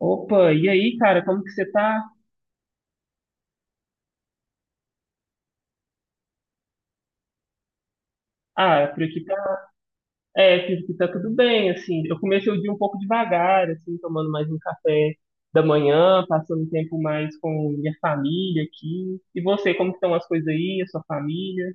Opa, e aí, cara, como que você tá? Ah, por aqui tá. É, por aqui tá tudo bem, assim. Eu comecei o dia um pouco devagar, assim, tomando mais um café da manhã, passando um tempo mais com minha família aqui. E você, como que estão as coisas aí, a sua família?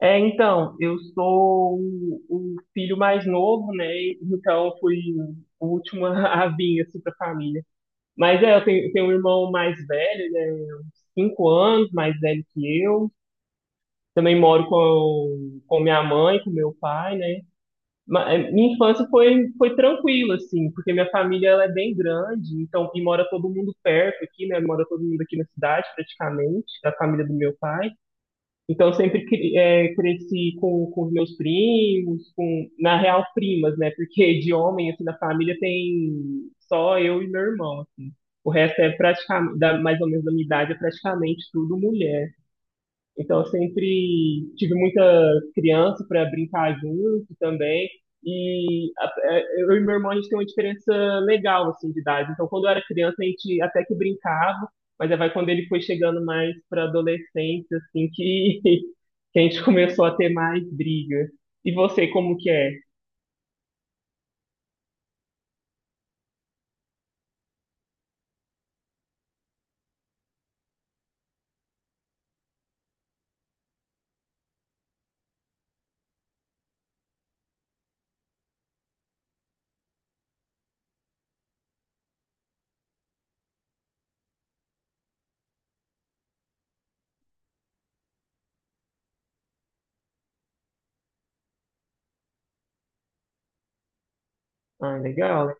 É, então, eu sou o filho mais novo, né? Então, eu fui o último a vir, assim, pra família. Mas é, eu tenho um irmão mais velho, ele é uns 5 anos mais velho que eu. Também moro com minha mãe, com meu pai, né? Minha infância foi, foi tranquila, assim, porque minha família ela é bem grande, então, e mora todo mundo perto aqui, né? Mora todo mundo aqui na cidade, praticamente, da família do meu pai. Então, eu sempre cresci com os meus primos, com, na real, primas, né? Porque de homem, assim, na família tem só eu e meu irmão, assim. O resto é praticamente, mais ou menos da minha idade, é praticamente tudo mulher. Então, eu sempre tive muita criança para brincar junto também. Eu e meu irmão, a gente tem uma diferença legal, assim, de idade. Então, quando eu era criança, a gente até que brincava, mas aí vai quando ele foi chegando mais para adolescência, assim, que, que a gente começou a ter mais briga. E você, como que é? Ah, legal.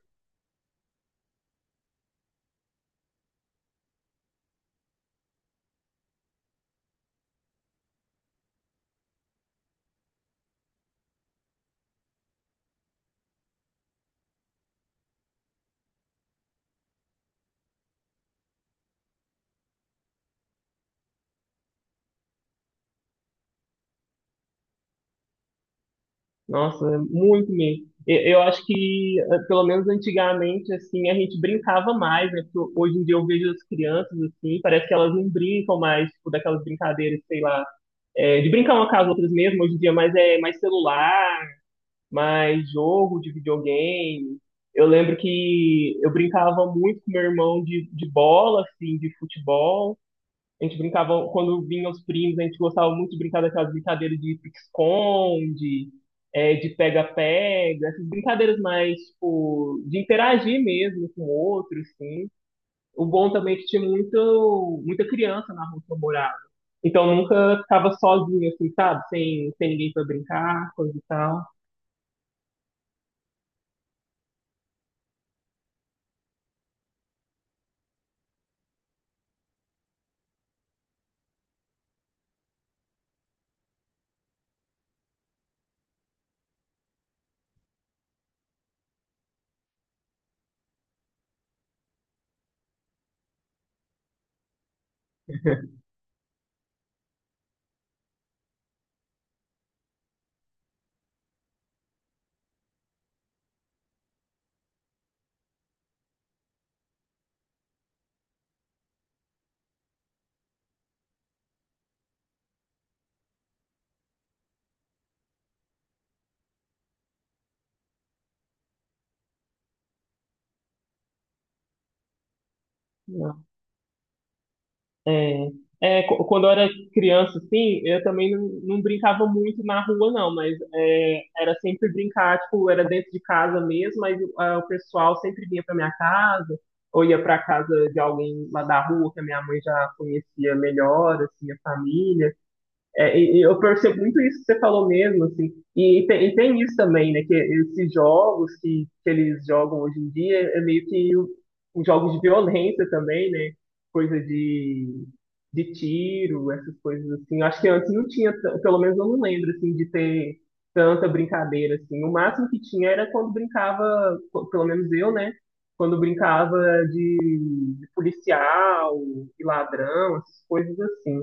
Nossa, é muito mesmo. Eu acho que, pelo menos antigamente, assim, a gente brincava mais, né? Porque hoje em dia eu vejo as crianças, assim, parece que elas não brincam mais, tipo, daquelas brincadeiras, sei lá, de brincar uma com as outras mesmo, hoje em dia, mas é mais celular, mais jogo de videogame. Eu lembro que eu brincava muito com meu irmão de bola, assim, de futebol, a gente brincava, quando vinham os primos, a gente gostava muito de brincar daquelas brincadeiras de pique-esconde, é, de pega-pega, essas brincadeiras mais, tipo, de interagir mesmo com outros, assim. O bom também é que tinha muita criança na rua que eu morava. Então nunca ficava sozinho, assim, sabe? Sem ninguém pra brincar, coisa e tal. É, é, quando eu era criança, assim, eu também não brincava muito na rua, não, mas é, era sempre brincar, tipo, era dentro de casa mesmo, mas é, o pessoal sempre vinha pra minha casa, ou ia pra casa de alguém lá da rua, que a minha mãe já conhecia melhor, assim, a família. É, e eu percebo muito isso que você falou mesmo, assim. E, e tem isso também, né? Que esses jogos que eles jogam hoje em dia é meio que um, jogos de violência também, né? Coisa de tiro, essas coisas assim. Eu acho que antes não tinha, pelo menos eu não lembro, assim, de ter tanta brincadeira, assim. O máximo que tinha era quando brincava, pelo menos eu, né? Quando brincava de, de policial e ladrão, essas coisas assim.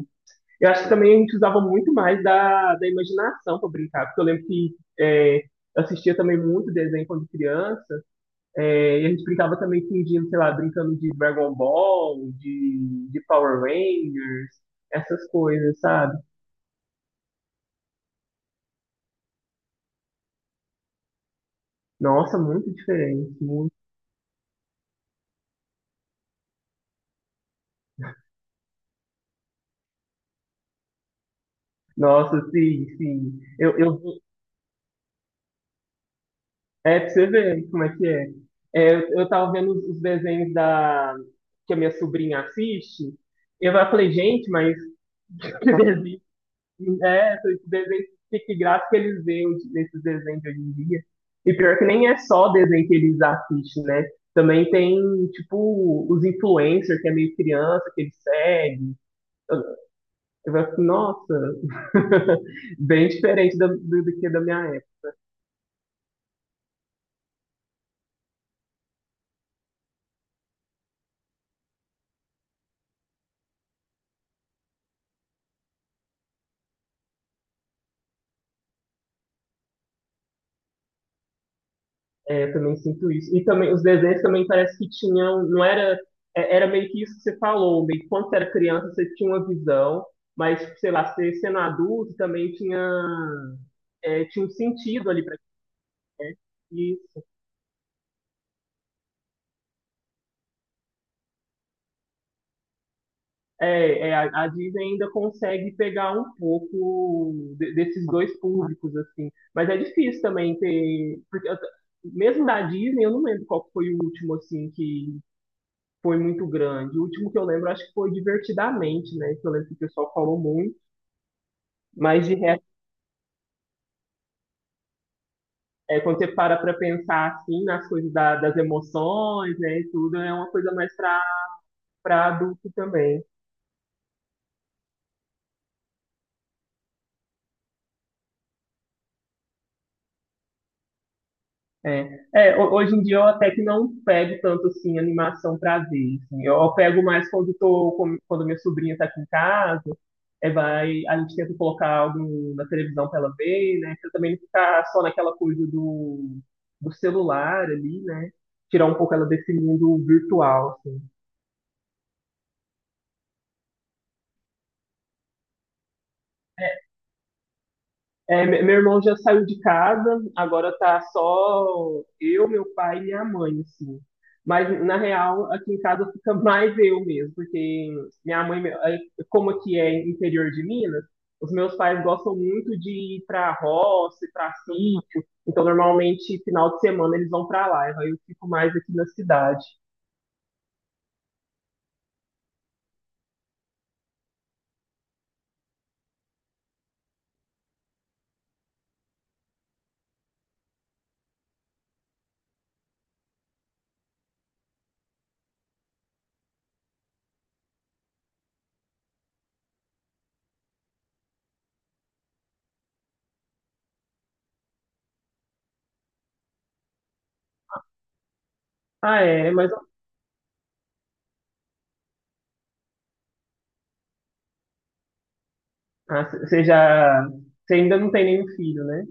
Eu acho que também a gente usava muito mais da, da imaginação para brincar, porque eu lembro que é, eu assistia também muito desenho quando criança, é, e a gente brincava também fingindo, sei lá, brincando de Dragon Ball, de Power Rangers, essas coisas, sabe? Nossa, muito diferente, muito. Nossa, sim, sim. É pra você ver como é que é. É, eu tava vendo os desenhos da, que a minha sobrinha assiste, e eu falei, gente, mas que desenho. É, então, esses desenhos, que graça que eles veem nesses desenhos de hoje em dia. E pior que nem é só desenho que eles assistem, né? Também tem, tipo, os influencers, que é meio criança, que eles seguem. Eu, eu falo assim, nossa, bem diferente do, do que da minha. É, eu também sinto isso. E também os desenhos também parece que tinham, não era, era meio que isso que você falou, meio que quando você era criança você tinha uma visão, mas sei lá, você sendo adulto também tinha, é, tinha um sentido ali para isso. É, é, a Disney ainda consegue pegar um pouco desses dois públicos assim, mas é difícil também ter, porque mesmo da Disney eu não lembro qual foi o último assim que foi muito grande. O último que eu lembro, acho que foi Divertidamente, né? Que eu lembro que o pessoal falou muito. Mas de resto, é, quando você para para pensar assim nas coisas das emoções, né, e tudo, é uma coisa mais para para adulto também. É, é, hoje em dia eu até que não pego tanto assim animação pra ver, assim. Eu pego mais quando tô, quando minha sobrinha tá aqui em casa, é, vai, a gente tenta colocar algo na televisão pra ela ver, né? Pra também não ficar só naquela coisa do, do celular ali, né? Tirar um pouco ela desse mundo virtual, assim. É, meu irmão já saiu de casa, agora tá só eu, meu pai e minha mãe, assim. Mas, na real, aqui em casa fica mais eu mesmo, porque minha mãe, meu- como aqui é interior de Minas, os meus pais gostam muito de ir pra roça, ir pra sítio, então, normalmente, final de semana eles vão pra lá, aí eu fico mais aqui na cidade. Ah, é, mas você já, você ainda não tem nenhum filho, né?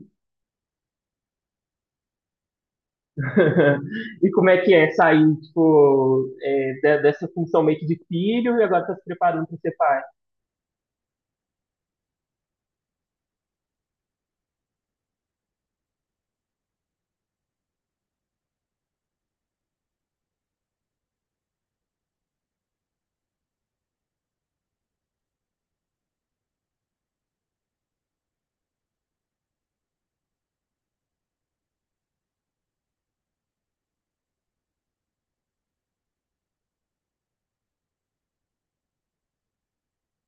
E como é que é sair, tipo, é, dessa função meio que de filho e agora tá se preparando para ser pai?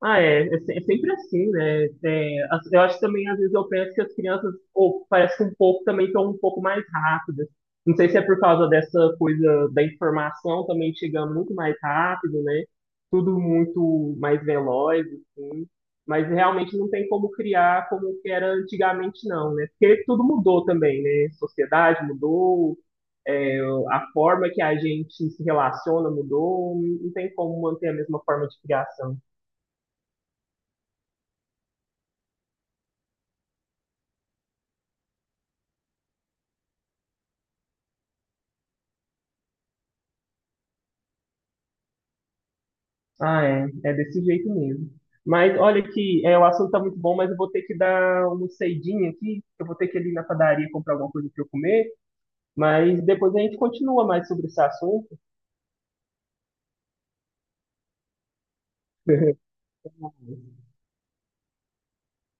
Ah, é, é sempre assim, né? É, eu acho que também, às vezes, eu penso que as crianças, ou parece que um pouco também estão um pouco mais rápidas. Não sei se é por causa dessa coisa da informação também chegando muito mais rápido, né? Tudo muito mais veloz, assim. Mas realmente não tem como criar como que era antigamente, não, né? Porque tudo mudou também, né? Sociedade mudou, é, a forma que a gente se relaciona mudou, não tem como manter a mesma forma de criação. Ah, é. É desse jeito mesmo. Mas olha que é, o assunto tá muito bom, mas eu vou ter que dar uma saidinha aqui. Eu vou ter que ir ali na padaria comprar alguma coisa para eu comer. Mas depois a gente continua mais sobre esse assunto.